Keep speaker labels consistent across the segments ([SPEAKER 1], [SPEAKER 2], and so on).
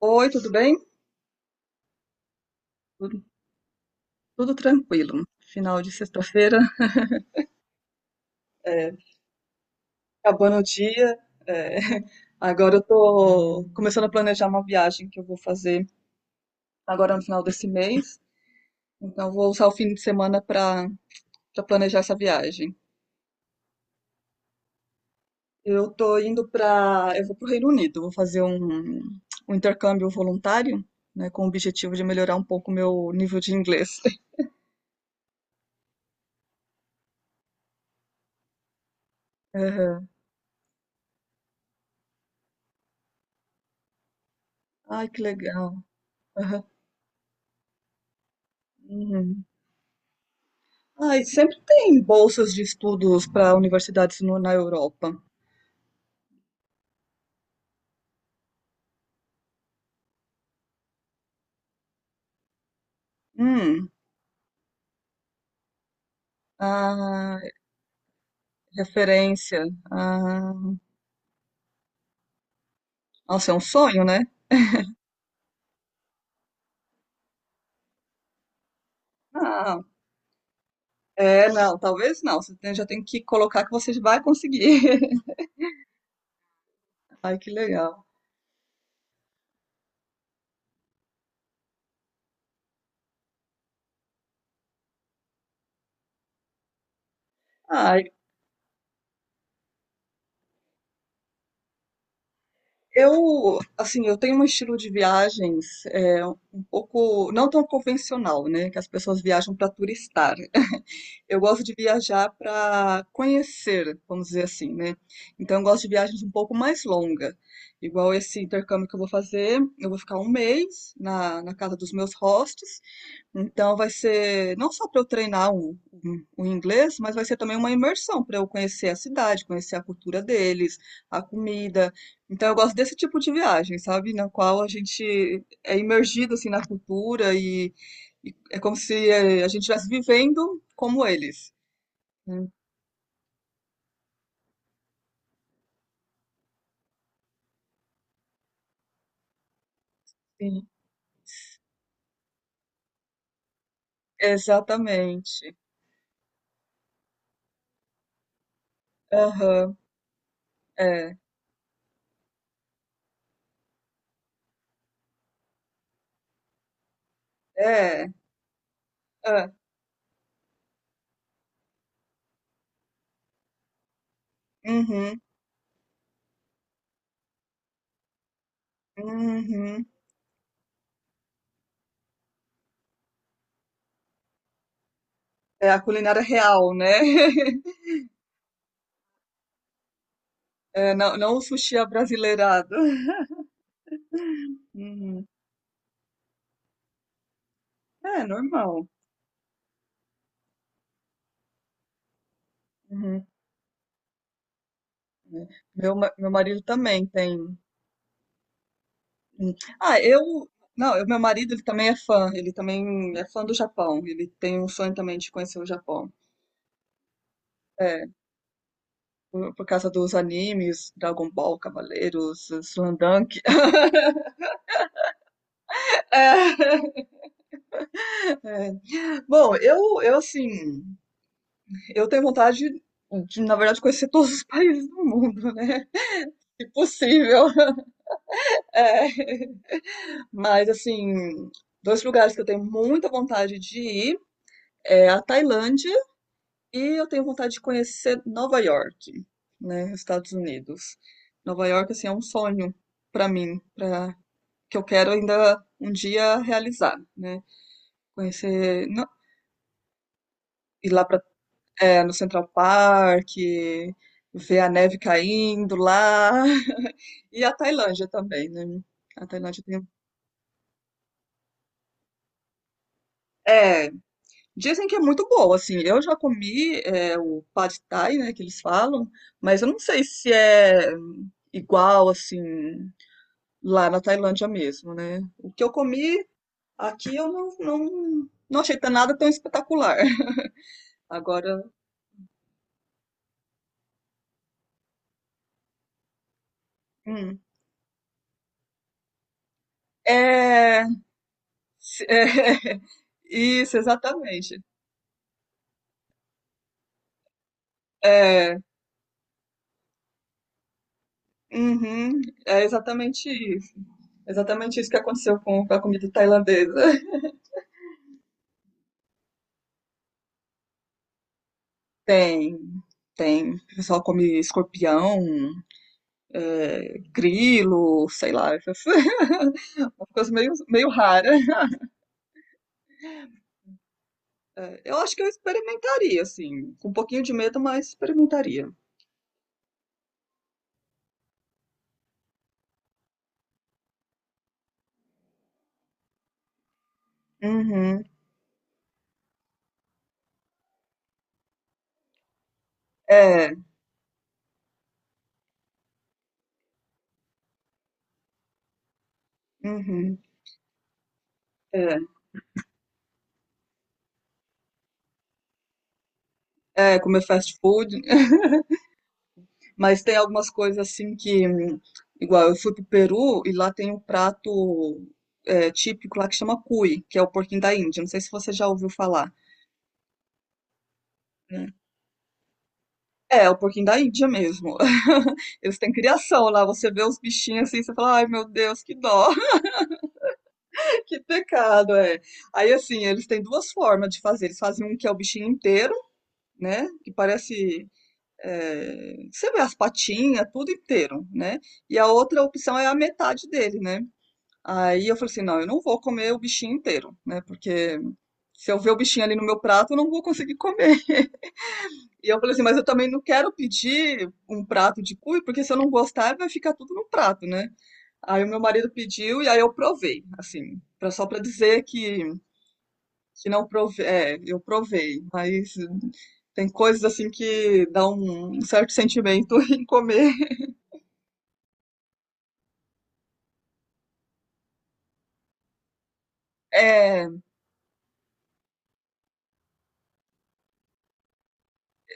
[SPEAKER 1] Oi, tudo bem? Tudo, tudo tranquilo. Final de sexta-feira, é, acabando o dia. É. Agora eu tô começando a planejar uma viagem que eu vou fazer agora no final desse mês. Então eu vou usar o fim de semana para planejar essa viagem. Eu vou para o Reino Unido, vou fazer um intercâmbio voluntário, né, com o objetivo de melhorar um pouco o meu nível de inglês. Aham. Ai, que legal. Aham. Uhum. Ai, sempre tem bolsas de estudos para universidades na Europa. Hum, ah, referência. Ah, nossa, é um sonho, né? Ah, é, não, talvez não. Já tem que colocar que você vai conseguir. Ai, que legal. Ai, eu, assim, eu tenho um estilo de viagens é, um pouco, não tão convencional, né? Que as pessoas viajam para turistar. Eu gosto de viajar para conhecer, vamos dizer assim, né? Então, eu gosto de viagens um pouco mais longa. Igual esse intercâmbio que eu vou fazer, eu vou ficar um mês na casa dos meus hostes, então vai ser não só para eu treinar o inglês, mas vai ser também uma imersão para eu conhecer a cidade, conhecer a cultura deles, a comida. Então eu gosto desse tipo de viagem, sabe? Na qual a gente é imergido assim na cultura e é como se a gente estivesse vivendo como eles. Hum, Sim, exatamente. Aham, é, é, é, uhum, uhum. É a culinária real, né? É, não, não o sushi abrasileirado. Uhum. É normal. Uhum. É. Meu marido também tem. Uhum. Ah, eu. Não, meu marido, ele também é fã. Ele também é fã do Japão. Ele tem um sonho também de conhecer o Japão. É, por causa dos animes, Dragon Ball, Cavaleiros, Slam Dunk. É. Bom, eu assim, eu tenho vontade de, na verdade, conhecer todos os países do mundo, né? Se possível. É. Mas assim, dois lugares que eu tenho muita vontade de ir. É a Tailândia e eu tenho vontade de conhecer Nova York, né, Estados Unidos. Nova York, assim, é um sonho para mim, para que eu quero ainda um dia realizar, né? Conhecer, não, ir lá pra, é, no Central Park, ver a neve caindo lá, e a Tailândia também, né? A Tailândia tem, um, é, dizem que é muito boa, assim. Eu já comi é, o pad thai, né, que eles falam, mas eu não sei se é igual, assim, lá na Tailândia mesmo, né? O que eu comi aqui eu não achei nada tão espetacular. Agora, hum, é, é, isso, exatamente. É, uhum, é exatamente isso. Exatamente isso que aconteceu com a comida tailandesa. Tem, tem. O pessoal come escorpião, grilo, sei lá, uma coisa meio, meio rara. Eu acho que eu experimentaria, assim, com um pouquinho de medo, mas experimentaria. Uhum. É, uhum. É, é, comer fast food, mas tem algumas coisas assim que, igual eu fui pro Peru e lá tem um prato é, típico lá que chama cuy, que é o porquinho da Índia. Não sei se você já ouviu falar. Né? É, o porquinho da Índia mesmo. Eles têm criação lá, você vê os bichinhos assim, você fala, ai meu Deus, que dó. Que pecado, é. Aí, assim, eles têm duas formas de fazer. Eles fazem um que é o bichinho inteiro, né? Que parece. É, você vê as patinhas, tudo inteiro, né? E a outra opção é a metade dele, né? Aí eu falei assim: não, eu não vou comer o bichinho inteiro, né? Porque se eu ver o bichinho ali no meu prato, eu não vou conseguir comer. E eu falei assim: mas eu também não quero pedir um prato de cuy, porque se eu não gostar, vai ficar tudo no prato, né? Aí o meu marido pediu e aí eu provei, assim, pra, só pra dizer que não provei, é, eu provei, mas tem coisas assim que dá um certo sentimento em comer. É,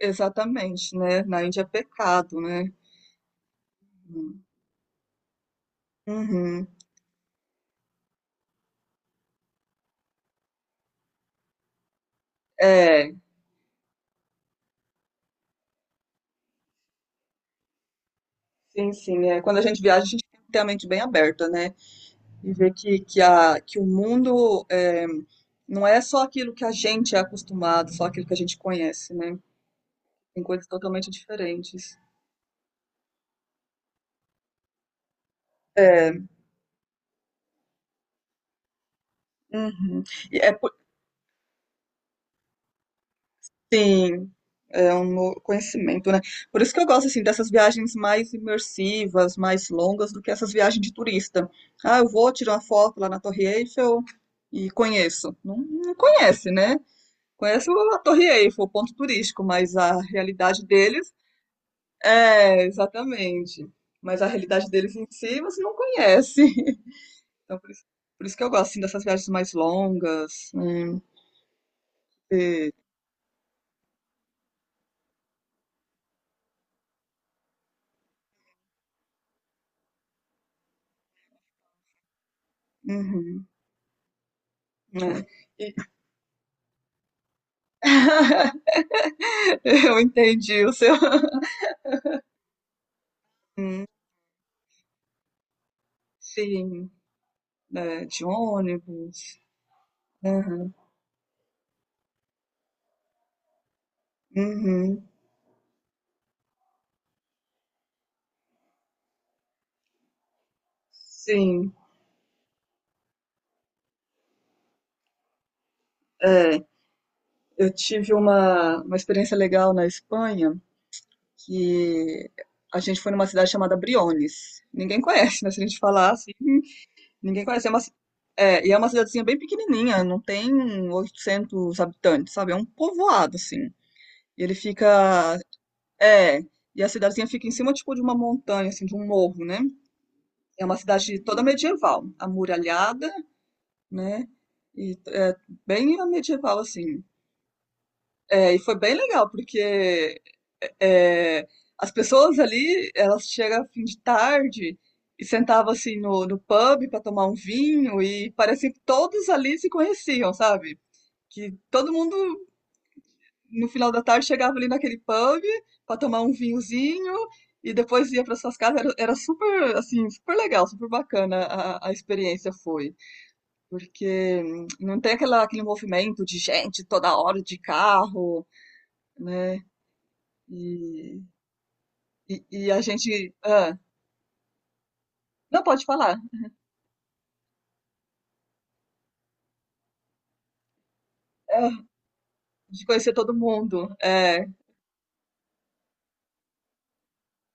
[SPEAKER 1] exatamente, né? Na Índia é pecado, né? Uhum. É, sim, sim. É. Quando a gente viaja, a gente tem que ter a mente bem aberta, né? E ver que o mundo é, não é só aquilo que a gente é acostumado, só aquilo que a gente conhece, né? Tem coisas totalmente diferentes. É, uhum. E é, sim, é um novo conhecimento, né? Por isso que eu gosto assim dessas viagens mais imersivas, mais longas do que essas viagens de turista. Ah, eu vou tirar uma foto lá na Torre Eiffel e conheço. Não, não conhece, né? Conhece a Torre Eiffel, o ponto turístico, mas a realidade deles é exatamente. Mas a realidade deles em si você não conhece. Então, por isso que eu gosto assim dessas viagens mais longas, né? E- Uhum, né? E- Eu entendi o seu. Hum, sim, é, de ônibus. Aham, uhum, sim, é, eu tive uma experiência legal na Espanha que a gente foi numa cidade chamada Briones. Ninguém conhece, né? Se a gente falar assim, ninguém conhece. E é uma cidadezinha bem pequenininha, não tem 800 habitantes, sabe? É um povoado, assim. E ele fica. É, e a cidadezinha fica em cima, tipo, de uma montanha, assim, de um morro, né? É uma cidade toda medieval, amuralhada, né? E é bem medieval, assim. É, e foi bem legal, porque é, as pessoas ali, elas chegam a fim de tarde e sentavam, assim, no pub para tomar um vinho e parecia que todos ali se conheciam, sabe? Que todo mundo, no final da tarde, chegava ali naquele pub para tomar um vinhozinho e depois ia para suas casas. Era super, assim, super legal, super bacana a experiência foi. Porque não tem aquela, aquele movimento de gente toda hora de carro, né? E, e a gente. Ah, não pode falar, ah, de conhecer todo mundo. É,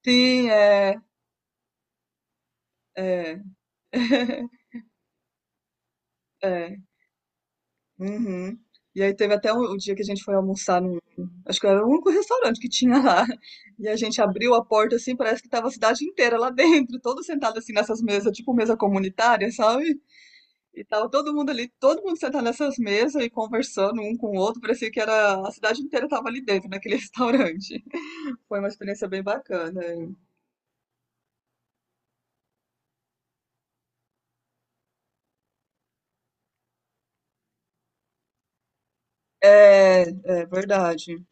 [SPEAKER 1] sim, é, é, é, uhum. E aí teve até um, o dia que a gente foi almoçar num. Acho que era o único restaurante que tinha lá. E a gente abriu a porta assim, parece que tava a cidade inteira lá dentro, todos sentados assim nessas mesas, tipo mesa comunitária, sabe? E tava todo mundo ali, todo mundo sentado nessas mesas e conversando um com o outro, parecia que era a cidade inteira tava ali dentro, naquele restaurante. Foi uma experiência bem bacana. É, é verdade.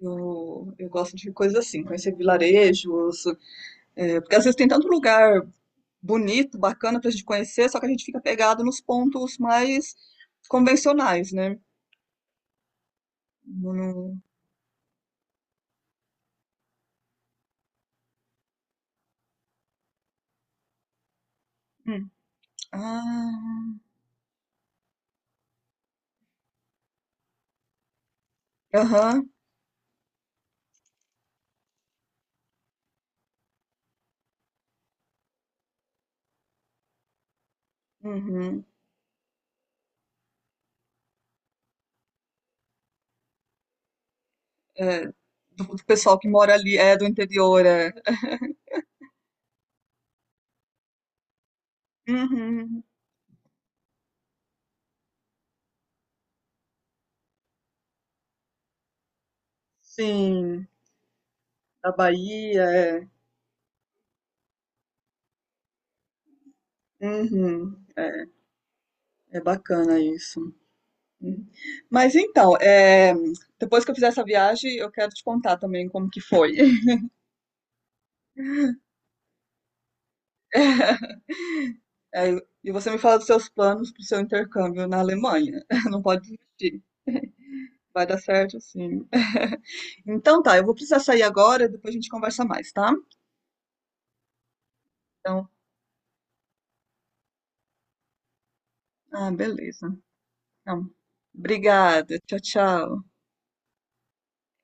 [SPEAKER 1] Eu gosto de coisas assim, conhecer vilarejos, é, porque às vezes tem tanto lugar bonito, bacana pra gente conhecer, só que a gente fica pegado nos pontos mais convencionais, né? No- no- hum, Ah, aham, uhum, é, do pessoal que mora ali, é do interior, é. Uhum. Sim, a Bahia é. Uhum. É, é bacana isso. Uhum. Mas então, é, depois que eu fizer essa viagem, eu quero te contar também como que foi. É, e você me fala dos seus planos para o seu intercâmbio na Alemanha. Não pode desistir. Vai dar certo, sim. Então tá, eu vou precisar sair agora, depois a gente conversa mais, tá? Então, ah, beleza. Então, obrigada. Tchau, tchau.